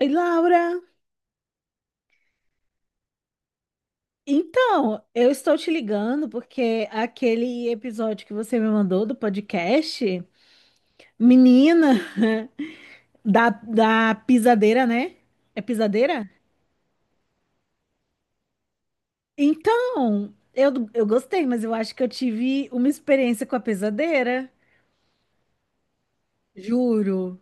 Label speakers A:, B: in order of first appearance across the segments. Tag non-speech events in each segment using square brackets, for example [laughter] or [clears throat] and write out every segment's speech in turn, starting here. A: Oi, Laura. Então, eu estou te ligando porque aquele episódio que você me mandou do podcast, menina, [laughs] da pisadeira, né? É pisadeira? Então, eu gostei, mas eu acho que eu tive uma experiência com a pisadeira, juro.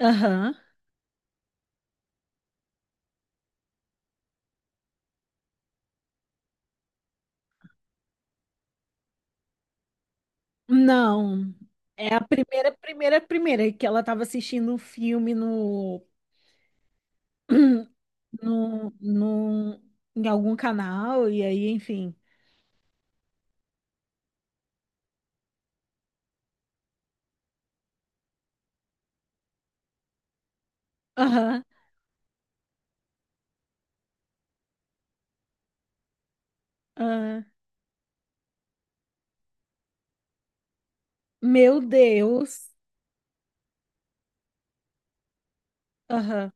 A: Aham. Não. É a primeira que ela estava assistindo um filme no, [clears throat] no, no, em algum canal, e aí, enfim. Aham, aham. Meu Deus. Aham.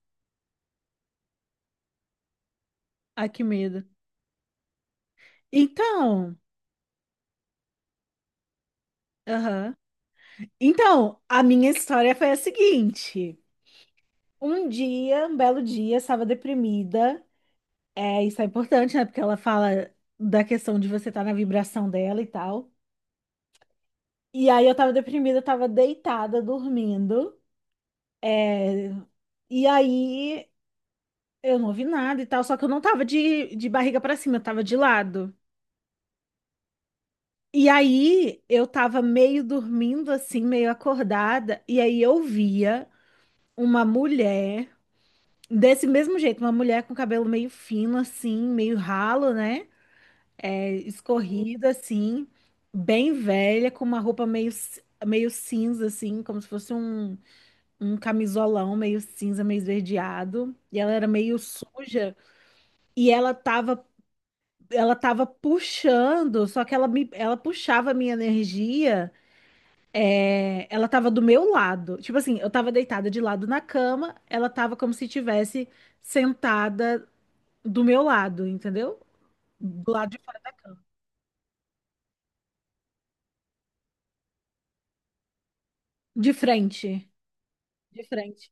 A: Ai, que medo. Então, aham. Então, a minha história foi a seguinte. Um dia, um belo dia, estava deprimida. É, isso é importante, né? Porque ela fala da questão de você estar na vibração dela e tal. E aí eu tava deprimida, eu tava deitada, dormindo. E aí eu não ouvi nada e tal, só que eu não tava de barriga para cima, eu tava de lado. E aí eu tava meio dormindo assim, meio acordada, e aí eu via uma mulher desse mesmo jeito, uma mulher com cabelo meio fino assim, meio ralo, né? É, escorrido assim, bem velha, com uma roupa meio cinza assim, como se fosse um um camisolão meio cinza, meio esverdeado, e ela era meio suja, e ela tava puxando, só que ela puxava a minha energia. É, ela tava do meu lado. Tipo assim, eu tava deitada de lado na cama, ela tava como se tivesse sentada do meu lado, entendeu? Do lado de, fora- De frente, de frente.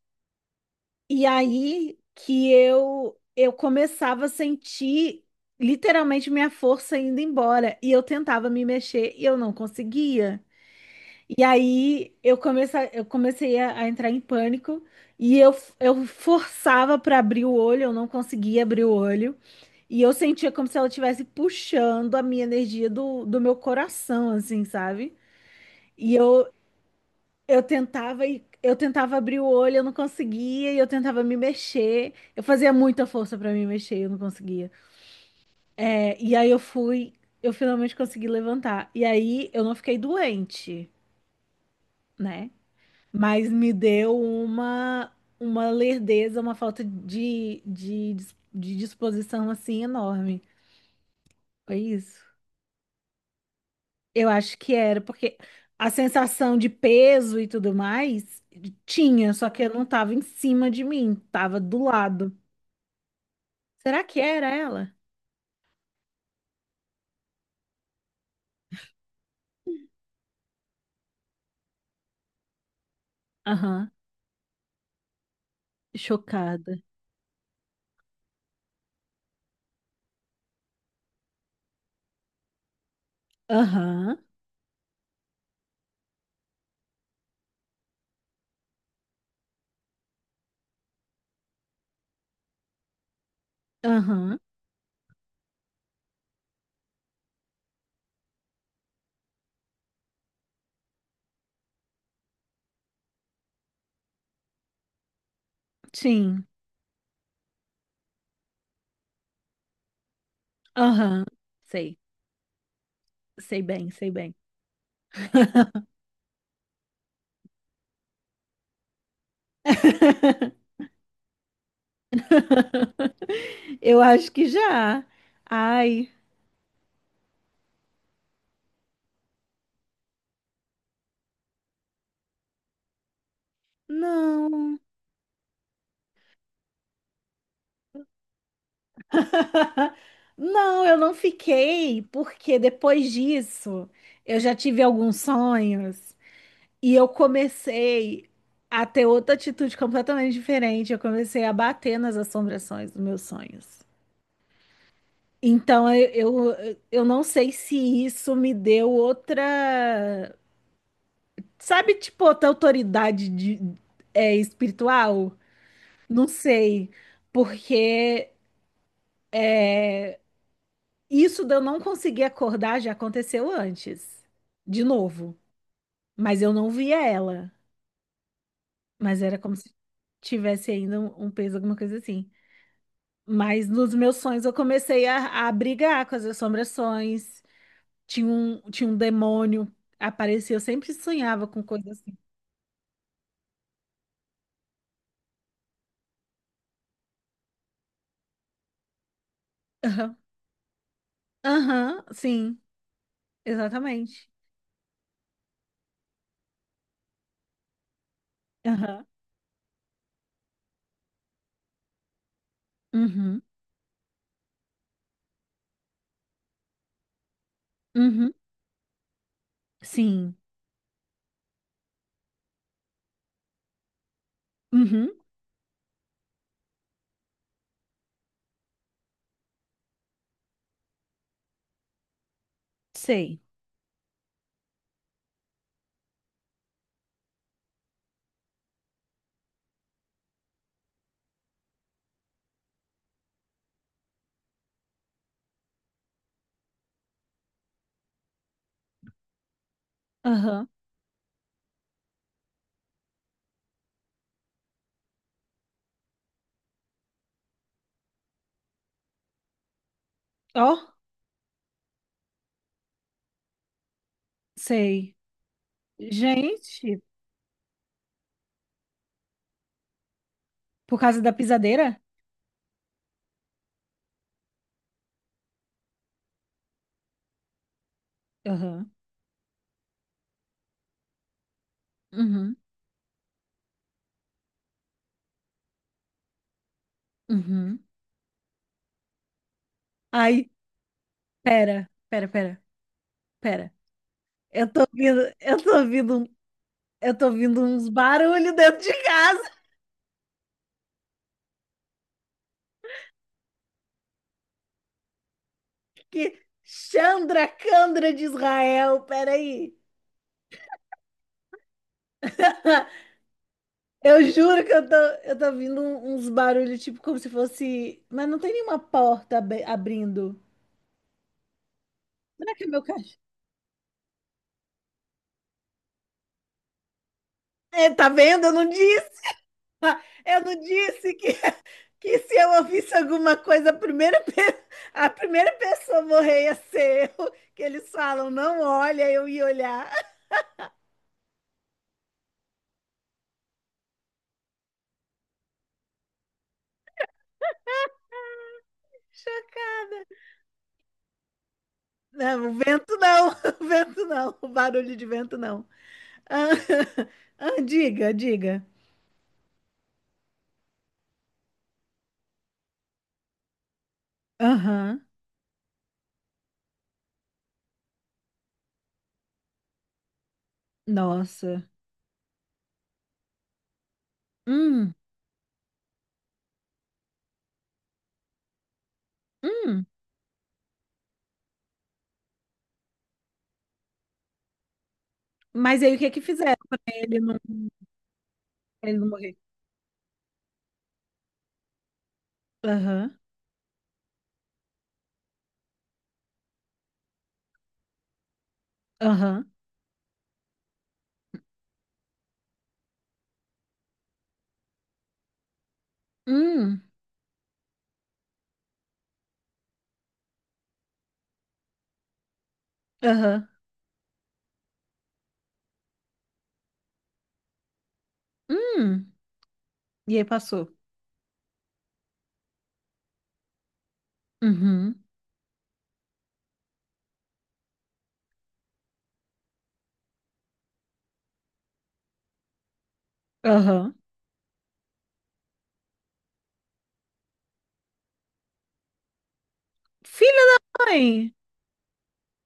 A: E aí que eu começava a sentir literalmente minha força indo embora e eu tentava me mexer e eu não conseguia. E aí eu comecei a entrar em pânico e eu forçava para abrir o olho, eu não conseguia abrir o olho. E eu sentia como se ela estivesse puxando a minha energia do meu coração, assim, sabe? E eu tentava e eu tentava abrir o olho, eu não conseguia, e eu tentava me mexer. Eu fazia muita força pra me mexer, eu não conseguia. É, e eu finalmente consegui levantar. E aí eu não fiquei doente, né? Mas me deu uma lerdeza, uma falta de disposição assim enorme. Foi isso. Eu acho que era, porque a sensação de peso e tudo mais tinha, só que eu não tava em cima de mim, tava do lado. Será que era ela? Aham, chocada. Aham, aham, sim, aham, sei, sei bem, sei bem. [laughs] Eu acho que já. Ai, não. [laughs] Não, eu não fiquei, porque depois disso eu já tive alguns sonhos e eu comecei a ter outra atitude completamente diferente. Eu comecei a bater nas assombrações dos meus sonhos. Então eu não sei se isso me deu outra, sabe, tipo, outra autoridade de, é, espiritual? Não sei, porque. Isso de eu não conseguir acordar já aconteceu antes, de novo. Mas eu não via ela. Mas era como se tivesse ainda um, um peso, alguma coisa assim. Mas nos meus sonhos eu comecei a brigar com as assombrações. Tinha um demônio, aparecia. Eu sempre sonhava com coisa assim. Aham, aham, sim, exatamente. Aham, uhum. Uhum. Sim. Uhum. Sei. Aham. Ó, sei. Gente. Por causa da pisadeira? Aham. Uhum. Uhum. Ai, pera, pera, pera, pera. Eu tô ouvindo, eu tô eu tô ouvindo uns barulhos dentro de casa que Chandra Candra de Israel, peraí. [laughs] Eu juro que eu tô ouvindo uns barulhos, tipo, como se fosse. Mas não tem nenhuma porta abrindo. Será que é meu cachorro? É, tá vendo? Eu não disse! [laughs] Eu não disse que. Que se eu ouvisse alguma coisa, [laughs] a primeira pessoa a morrer ia ser eu, que eles falam, não olha, eu ia olhar. [laughs] Chocada. Não, o vento não, [laughs] o vento não, o barulho de vento não. Ah, [laughs] ah, diga, diga. Aham, nossa. Hum, hum. Mas aí o que é que fizeram para ele não, pra ele não morrer? Aham, aham. Hum, aham. Hum. E aí passou. Uhum, aham. Filha da mãe!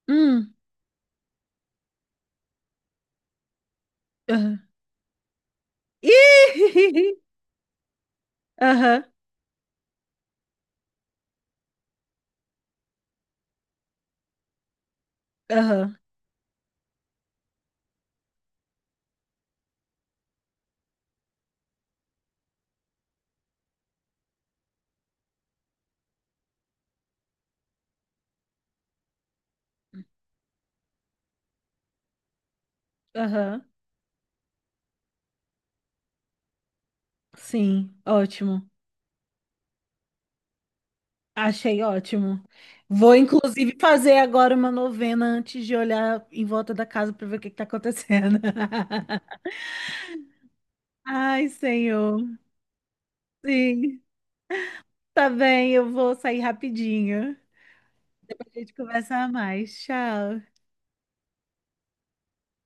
A: Hum, aham. Ih, [laughs] aham, aham, aham. Sim, ótimo. Achei ótimo. Vou, inclusive, fazer agora uma novena antes de olhar em volta da casa para ver o que está acontecendo. [laughs] Ai, Senhor. Sim, tá bem, eu vou sair rapidinho. A gente conversa mais. Tchau.